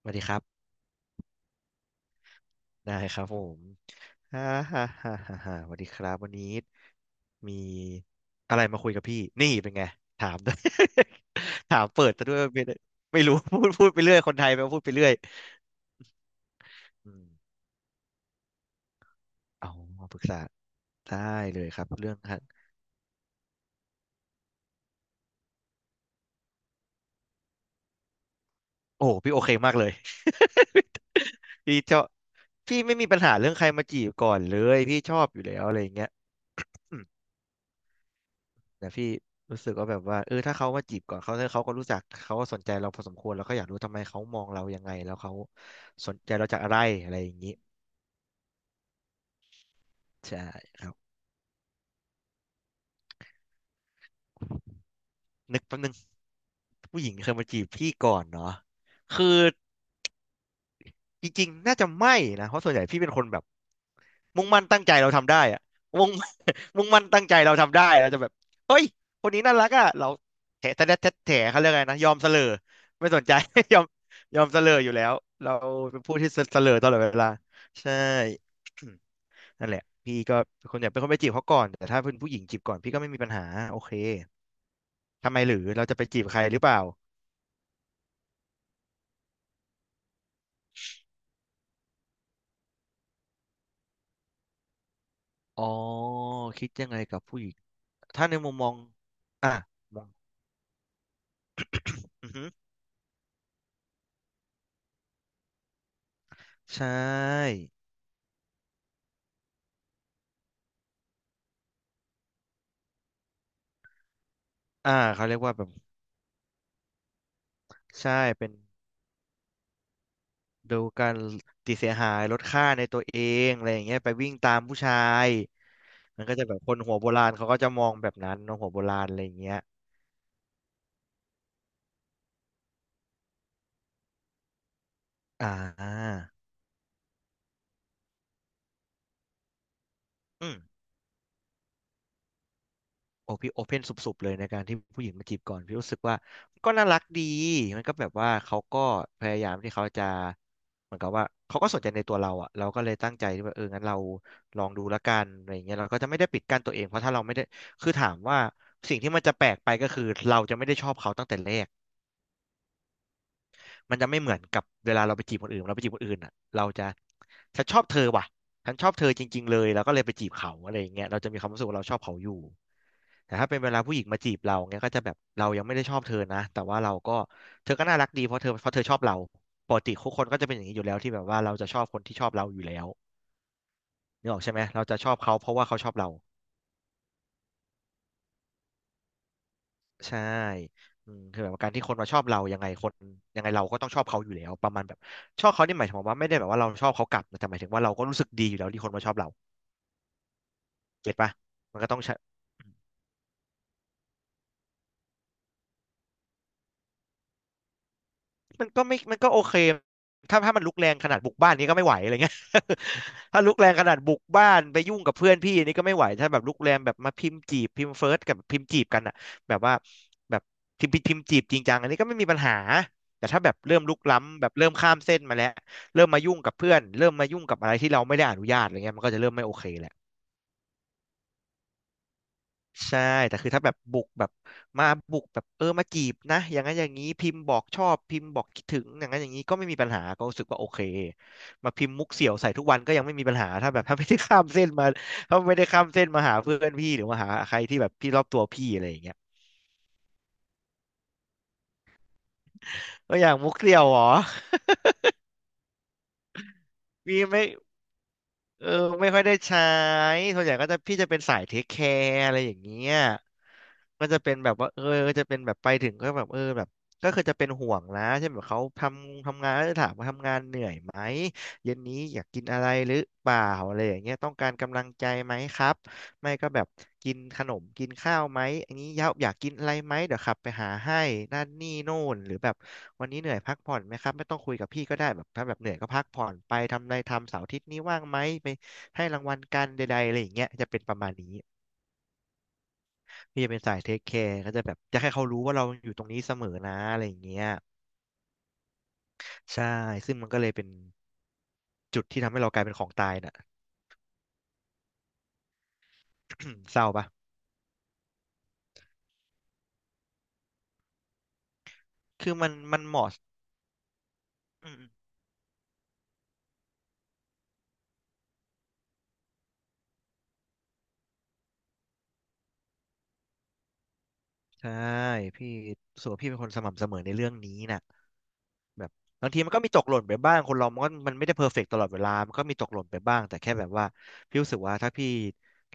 สวัสดีครับได้ครับผมฮ่าฮ่าฮ่าฮ่าฮ่าสวัสดีครับวันนี้มีอะไรมาคุยกับพี่นี่เป็นไงถาม ด้วย ถามเปิดซะด้วยไม่ได้ไม่รู้ พูดไปเรื่อยคนไทยไปพูดไปเรื่อยอืมเอามาปรึกษาได้เลยครับเรื่องฮะโอ้พี่โอเคมากเลย พี่ชอบพี่ไม่มีปัญหาเรื่องใครมาจีบก่อนเลยพี่ชอบอยู่แล้วอะไรอย่างเงี้ย แต่พี่รู้สึกว่าแบบว่าเออถ้าเขามาจีบก่อนเขาก็รู้จักเขาก็สนใจเราพอสมควรแล้วก็อยากรู้ทำไมเขามองเรายังไงแล้วเขาสนใจเราจากอะไรอะไรอย่างนี้ใช่ครับนึกแป๊บนึงผู้หญิงเคยมาจีบพี่ก่อนเนาะคือ จริงๆ น่าจะไม่นะ เพราะส่วนใหญ่พี่เป็นคนแบบมุ่งมั่นตั้งใจเราทำได้อะมุ่ง มุ่งมั่นตั้งใจเราทำได้เราจะแบบเฮ้ยคนนี้น่ารักอ่ะเราแถะแถะแถะแถะเขาเรียกไงนะยอมเสลอไม่สนใจ ยอมยอมเสลออยู่แล้วเราเป็นผู้ที่เสลอตลอดเวลาใช่ นั่นแหละพี่ก็เป็นคนอยากเป็นคนไปจีบเขาก่อนแต่ถ้าเป็นผู้หญิงจีบก่อนพี่ก็ไม่มีปัญหาโอเคทำไมหรือเราจะไปจีบใครหรือเปล่าอ๋อคิดยังไงกับผู้หญิงถ้าในมุมมองอ่ะมองอือฮึ ใช่ อ่า เขาเรียกว่าแบบใช่ เป็นดูการติดเสียหายลดค่าในตัวเองอะไรอย่างเงี้ยไปวิ่งตามผู้ชาย มันก็จะแบบคนหัวโบราณเขาก็จะมองแบบนั้นเนอะหัวโบราณอะไรอย่างเงี้ยอ่าอืม โอพี่โอเพนสุบๆเลยในการที่ผู้หญิงมาจีบก่อนพี่รู้สึกว่ามันก็น่ารักดีมันก็แบบว่าเขาก็พยายามที่เขาจะเหมือนกับว่าเขาก็สนใจในตัวเราอ่ะเราก็เลยตั้งใจที่ว่าเอองั้นเราลองดูละกันอะไรอย่างเงี้ยเราก็จะไม่ได้ปิดกั้นตัวเองเพราะถ้าเราไม่ได้คือถามว่าสิ่งที่มันจะแปลกไปก็คือเราจะไม่ได้ชอบเขาตั้งแต่แรกมันจะไม่เหมือนกับเวลาเราไปจีบคนอื่นเราไปจีบคนอื่นอ่ะเราจะฉันชอบเธอว่ะฉันชอบเธอจริงๆเลยแล้วก็เลยไปจีบเขาอะไรอย่างเงี้ยเราจะมีความรู้สึกว่าเราชอบเขาอยู่ แต่ถ้าเป็นเวลาผู้หญิงมาจีบเราเงี้ยก็จะแบบเรายังไม่ได้ชอบเธอนะแต่ว่าเราก็เธอก็น่ารักดีเพราะเธอชอบเราปกติทุกคนก็จะเป็นอย่างนี้อยู่แล้วที่แบบว่าเราจะชอบคนที่ชอบเราอยู่แล้วนึกออกใช่ไหมเราจะชอบเขาเพราะว่าเขาชอบเราใช่อืมคือแบบการที่คนมาชอบเรายังไงคนยังไงเราก็ต้องชอบเขาอยู่แล้วประมาณแบบชอบเขานี่หมายถึงว่าไม่ได้แบบว่าเราชอบเขากลับนะแต่หมายถึงว่าเราก็รู้สึกดีอยู่แล้วที่คนมาชอบเราเก็ตปะมันก็ต้องใช่ มันก็ไม่มันก็โอเคถ้ามันลุกแรงขนาดบุกบ้านนี้ก็ไม่ไหวอะไรเงี้ย ถ้าลุกแรงขนาดบุกบ้านไปยุ่งกับเพื่อนพี่นี่ก็ไม่ไหวถ้าแบบลุกแรงแบบมาพิมพ์จีบพิมพ์เฟิร์สกับพิมพ์จีบกันอะแบบว่าแบบพิมพ์จีบจริงจังอันนี้ก็ไม่มีปัญหา แต่ถ้าแบบเริ่มลุกล้ำแบบเริ่มข้ามเส้นมาแล้วเริ่มมายุ่งกับเพื่อนเริ่มมายุ่งกับอะไรที่เราไม่ได้อนุญาตอะไรเงี้ยมันก็จะเริ่มไม่โอเคแหละ ใช่แต่คือถ้าแบบบุกแบบมาบุกแบบเออมาจีบนะอย่างนั้นอย่างนี้พิมพ์บอกชอบพิมพ์บอกคิดถึงอย่างนั้นอย่างนี้ก็ไม่มีปัญหาก็รู้สึกว่าโอเคมาพิมพ์มุกเสี่ยวใส่ทุกวันก็ยังไม่มีปัญหาถ้าแบบ ถ้าไม่ได้ข้ามเส้นมาหาเพื่อนพี่หรือมาหาใครที่แบบพี่รอบตัวพี่อะไรอย่างเงี้ยก็อย่างมุกเสี่ยวเหรอ มีไหม เออไม่ค่อยได้ใช้ส่วนใหญ่ก็จะพี่จะเป็นสายเทคแคร์อะไรอย่างเงี้ยก็จะเป็นแบบว่าเออก็จะเป็นแบบไปถึงก็แบบเออแบบก็คือจะเป็นห่วงนะเช่นแบบเขาทำงานแล้วถามว่าทำงานเหนื่อยไหมเย็นนี้อยากกินอะไรหรือเปล่าอะไรอย่างเงี้ยต้องการกำลังใจไหมครับ ไม่ก็แบบกินขนมกินข้าวไหมอันนี้ยาอยากกินอะไรไหมเดี๋ยวขับไปหาให้นั่นนี่โน่นหรือแบบวันนี้เหนื่อยพักผ่อนไหมครับไม่ต้องคุยกับพี่ก็ได้แบบถ้าแบบเหนื่อยก็พักผ่อนไปทำอะไรทำเสาร์อาทิตย์นี้ว่างไหมไปให้รางวัลกันใดๆอะไรอย่างเงี้ยจะเป็นประมาณนี้พี่จะเป็นสายเทคแคร์ก็จะแบบจะให้เขารู้ว่าเราอยู่ตรงนี้เสมอนะอะไรอย่างเงี้ยใช่ซึ่งมันก็เลยเป็นจุดที่ทำให้เรากลายเป็นของตายน่ะ เศร้าปะคือมันเหมาะอืมๆใช่พี่รู้สึกว่าพี่เป็นคนสม่ำเสมอในเรื่องนี้น่ะ แบบบางทีมันก็มีตกหล่นไปบ้างคนเรามันก็มันไม่ได้เพอร์เฟกต์ตลอดเวลามันก็มีตกหล่นไปบ้างแต่แค่แบบว่าพี่รู้สึกว่าถ้าพี่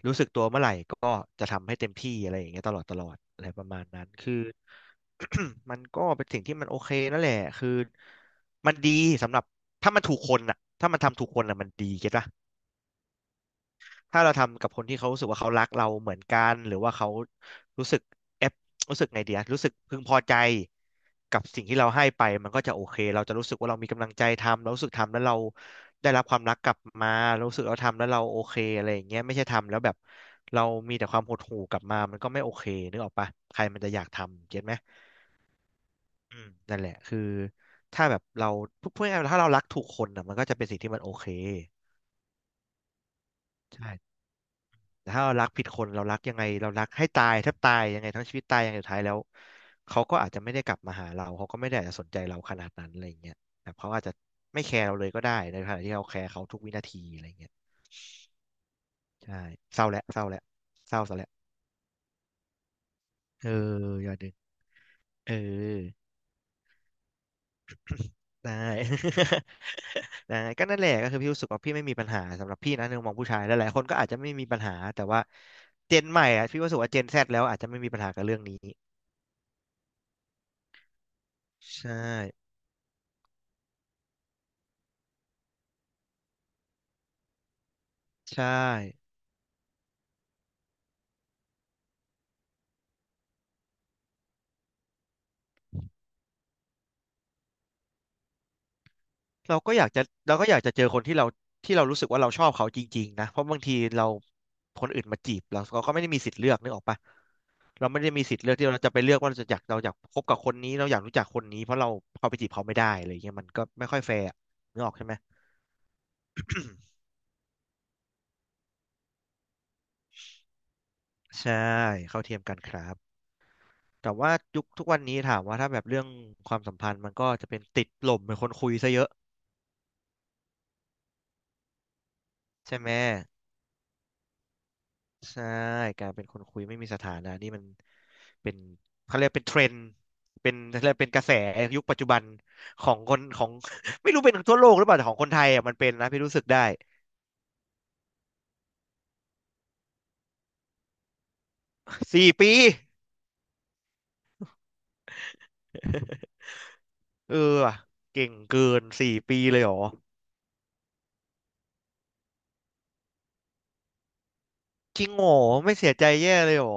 รู้สึกตัวเมื่อไหร่ก็จะทำให้เต็มที่อะไรอย่างเงี้ยตลอดตลอดอะไรประมาณนั้นคือ มันก็เป็นสิ่งที่มันโอเคนั่นแหละคือมันดีสำหรับถ้ามันถูกคนอ่ะถ้ามันทำถูกคนอ่ะมันดีเก็ตปะ ถ้าเราทำกับคนที่เขารู้สึกว่าเขารักเราเหมือนกันหรือว่าเขารู้สึกเอฟรู้สึกไงเดียรู้สึกพึงพอใจกับสิ่งที่เราให้ไปมันก็จะโอเคเราจะรู้สึกว่าเรามีกำลังใจทำเรารู้สึกทำแล้วเราได้รับความรักกลับมาเรารู้สึกเราทำแล้วเราโอเคอะไรอย่างเงี้ยไม่ใช่ทำแล้วแบบเรามีแต่ความหดหู่กลับมามันก็ไม่โอเคนึกออกปะใครมันจะอยากทำเก็ตไหมอืมนั่นแหละคือถ้าแบบเราพูดง่ายๆถ้าเรารักถูกคนอ่ะมันก็จะเป็นสิ่งที่มันโอเคใช่ แต่ถ้าเรารักผิดคนเรารักยังไงเรารักให้ตายแทบตายยังไงทั้งชีวิตตายอย่างสุดท้ายแล้วเขาก็อาจจะไม่ได้กลับมาหาเราเขาก็ไม่ได้อาจจะสนใจเราขนาดนั้นอะไรอย่างเงี้ยแบบเขาอาจจะไม่แคร์เราเลยก็ได้ในขณะที่เราแคร์เขาทุกวินาทีอะไรอย่างเงี้ยใช่เศร้าแล้วเศร้าแล้วเศร้าซะแล้วเอออย่าดึงเออได้ ได้ก็นั่นแหละก็คือพี่รู้สึกว่าพี่ไม่มีปัญหาสำหรับพี่นะในมุมมองผู้ชายหลายๆคนก็อาจจะไม่มีปัญหาแต่ว่าเจนใหม่อะพี่รู้สึกว่าเจนแซดแล้วอาจจะไม่มีปัญหากับเรื่องนี้ใช่ใช่ เราก็อยากจะเราก็อยากจะเจอคนที่เราที่เรารู้สึกว่าเราชอบเขาจริงๆนะเพราะบางทีเราคนอื่นมาจีบเราเราก็ไม่ได้มีสิทธิ์เลือกนึกออกปะเราไม่ได้มีสิทธิ์เลือกที่เราจะไปเลือกว่าเราจะอยากเราอยากคบกับคนนี้เราอยากรู้จักคนนี้เพราะเราเขาไปจีบเขาไม่ได้อะไรเงี้ยมันก็ไม่ค่อยแฟร์อะนึกออกใช่ไหมใช่เข้าเทียมกันครับแต่ว่ายุคทุกวันนี้ถามว่าถ้าแบบเรื่องความสัมพันธ์มันก็จะเป็นติดหล่มเป็นคนคุยซะเยอะใช่ไหม ใช่การเป็นคนคุยไม่มีสถานะนี่มันเป็นเขาเรียกเป็นเทรนด์เป็นเขาเรียกเป็นกระแสยุคปัจจุบันของคนของ ไม่รู้เป็นทั่วโลกหรือเปล่าแต่ของคนไทยอ่ะมันเป็นนะพี่รู้สึกได้สี่ปี เออว่ะเก่งเกินสี่ปีเลยเหรอจริงเหรอไม่เสียใจแย่เลยเหรอ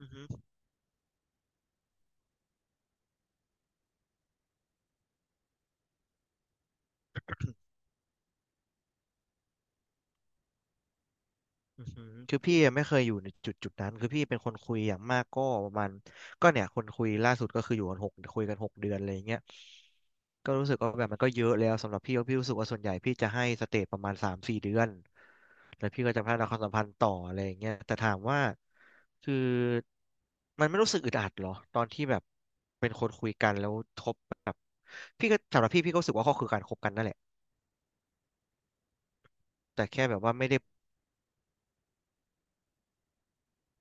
อือหือ อือหือคือพี่ไม่เคยอยู่ในจุดจุดนั้นคือพี่เป็นคนคุยอย่างมากก็ประมาณก็เนี่ยคนคุยล่าสุดก็คืออยู่กันหกคุยกัน6 เดือนอะไรอย่างเงี้ยก็รู้สึกว่าแบบมันก็เยอะแล้วสำหรับพี่ก็พี่รู้สึกว่าส่วนใหญ่พี่จะให้สเตจประมาณ3-4 เดือนแล้วพี่ก็จะพัฒนาความสัมพันธ์ต่ออะไรอย่างเงี้ยแต่ถามว่าคือมันไม่รู้สึกอึดอัดเหรอตอนที่แบบเป็นคนคุยกันแล้วทบแบบพี่ก็สำหรับพี่พี่ก็รู้สึกว่าก็คือการคบกันนั่นแหละแต่แค่แบบว่าไม่ได้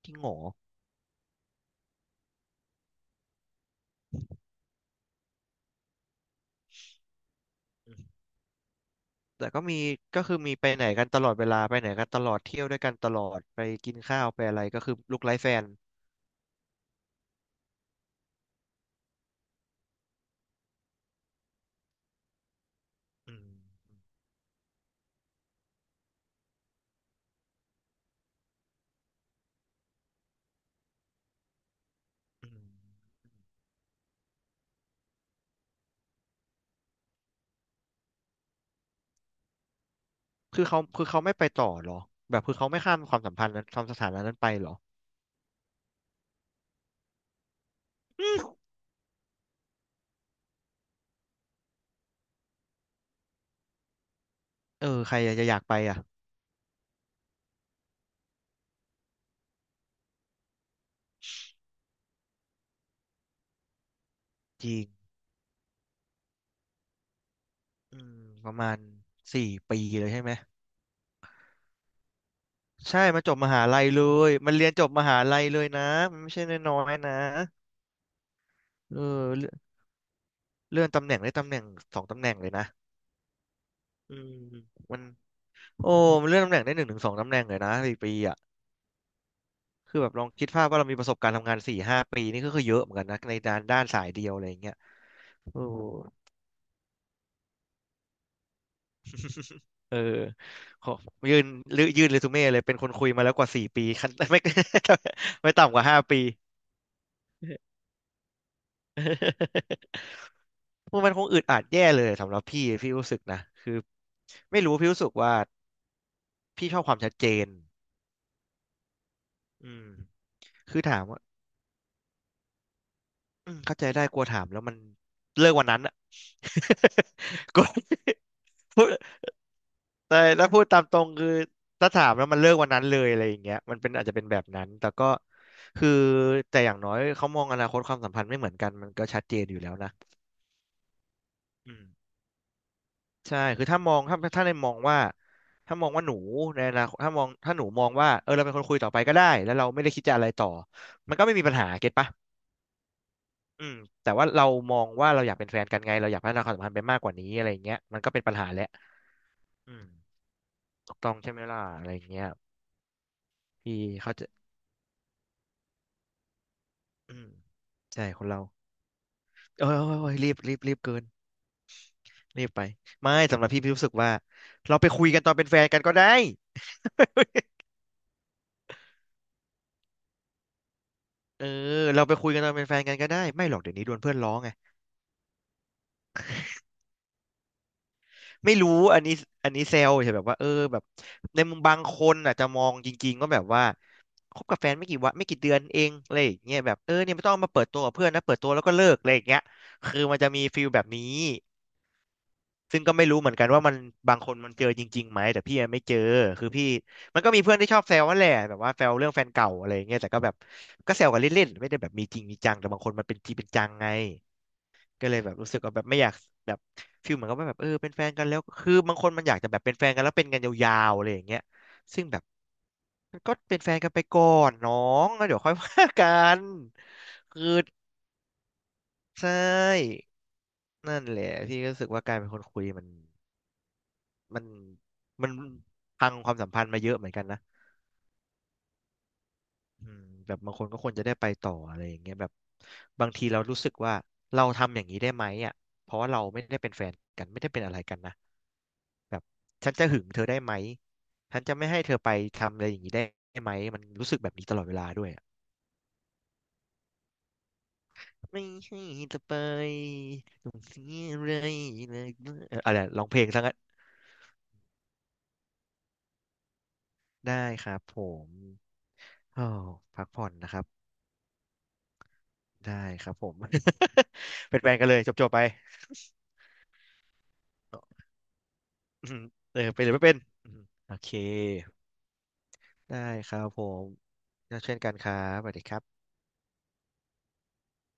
ที่หงอ แต่ก็มีก็คือมีไปไหนกันตลอดเวลาไปไหนกันตลอดเที่ยวด้วยกันตลอดไปกินข้าวไปอะไรก็คือลูกไร้แฟนอืมอืมคือเขาไม่ไปต่อเหรอแบบคือเขาไม่ข้ามความสัมพันธ์นั้นความสถานะนั้นไปเหรออืมเออใครจะอยากไปอ่ะจริงอืมประมาณสี่ปีเลยใช่ไหมใช่มันจบมหาลัยเลยมันเรียนจบมหาลัยเลยนะมันไม่ใช่น้อยๆนะเออเลื่อนเลื่อนตำแหน่งได้ตำแหน่งสองตำแหน่งเลยนะอืมมัน โอ้มันเลื่อนตำแหน่งได้หนึ่งถึงสองตำแหน่งเลยนะสี่ปีอ่ะคือแบบลองคิดภาพว่าเรามีประสบการณ์ทำงานสี่ห้าปีนี่ก็คือเยอะเหมือนกันนะในด้านสายเดียวอะไรอย่างเงี้ยโอ้เออขอยื่นลือยื่นเรซูเม่เลยเป็นคนคุยมาแล้วกว่าสี่ปีคัน ไม่ ไม่ต่ำกว่าห้าปี มันคงอึดอัดแย่เลยสำหรับพี่รู้สึกนะคือไม่รู้พี่รู้สึกว่าพี่ชอบความชัดเจนอืมคือถามว่าอืมเข้าใจได้กลัวถามแล้วมันเลิกวันนั้นอะ กลัว พูดแต่ถ้าพูดตามตรงคือถ้าถามแล้วมันเลิกวันนั้นเลยอะไรอย่างเงี้ยมันเป็นอาจจะเป็นแบบนั้นแต่ก็คือแต่อย่างน้อยเขามองอนาคตความสัมพันธ์ไม่เหมือนกันมันก็ชัดเจนอยู่แล้วนะอืมใช่คือถ้าในมองว่าถ้ามองว่าหนูในอนาคตถ้าหนูมองว่าเออเราเป็นคนคุยต่อไปก็ได้แล้วเราไม่ได้คิดจะอะไรต่อมันก็ไม่มีปัญหาเก็ตปะอืมแต่ว่าเรามองว่าเราอยากเป็นแฟนกันไงเราอยากพัฒนาความสัมพันธ์ไปมากกว่านี้อะไรอย่างเงี้ยมันก็เป็นปัญหาแหละอืมถูกต้องใช่ไหมล่ะอะไรอย่างเงี้ยพี่เขา อืมใช่คนเราเอ้ยรีบเกินรีบไปไม่สำหรับพี่รู้สึกว่าเราไปคุยกันตอนเป็นแฟนกันก็ได้เออเราไปคุยกันตอนเป็นแฟนกันก็ได้ไม่หรอกเดี๋ยวนี้โดนเพื่อนล้อไงไม่รู้อันนี้เซลใช่แบบว่าเออแบบในมุมบางคนอาจจะมองจริงๆก็แบบว่าคบกับแฟนไม่กี่วันไม่กี่เดือนเองอะไรอย่างเงี้ยแบบเออเนี่ยไม่ต้องเอามาเปิดตัวกับเพื่อนนะเปิดตัวแล้วก็เลิกอะไรอย่างเงี้ยคือมันจะมีฟีลแบบนี้ ซึ่งก็ไม่รู้เหมือนกันว่ามันบางคนมันเจอจริงๆไหมแต่พี่อะไม่เจอคือพี่มันก็มีเพื่อนที่ชอบแซวนั่นแหละแบบว่าแซวเรื่องแฟนเก่าอะไรอย่างเงี้ยแต่ก็แบบก็แซวกันเล่นๆไม่ได้แบบมีจริงมีจังแต่บางคนมันเป็นจริงเป็นจังไงก็เลยแบบรู้สึกว่าแบบไม่อยากแบบฟีลเหมือนกับว่าแบบเออเป็นแฟนกันแล้วคือบางคนมันอยากจะแบบเป็นแฟนกันแล้วเป็นกันยาวๆอะไรอย่างเงี้ยซึ่งแบบมันก็เป็นแฟนกันไปก่อนน้องแล้วเดี๋ยวค่อยว่ากันคือใช่นั่นแหละพี่ก็รู้สึกว่าการเป็นคนคุยมันมันพังความสัมพันธ์มาเยอะเหมือนกันนะอืมแบบบางคนก็ควรจะได้ไปต่ออะไรอย่างเงี้ยแบบบางทีเรารู้สึกว่าเราทำอย่างนี้ได้ไหมอ่ะเพราะว่าเราไม่ได้เป็นแฟนกันไม่ได้เป็นอะไรกันนะแบบฉันจะหึงเธอได้ไหมฉันจะไม่ให้เธอไปทำอะไรอย่างนี้ได้ไหมมันรู้สึกแบบนี้ตลอดเวลาด้วยอะไม่ให้เธอไปต้องเสียอะไรเลยเอออะไรร้องเพลงซะงั้นได้ครับผมอ้าวพักผ่อนนะครับ ได้ครับผม เป็นแฟนกันเลยจบๆไป อืมเออเป็นหรือไม่เป็น อืมโอเค ได้ครับผม เช่นกันครับสวัสดีครับ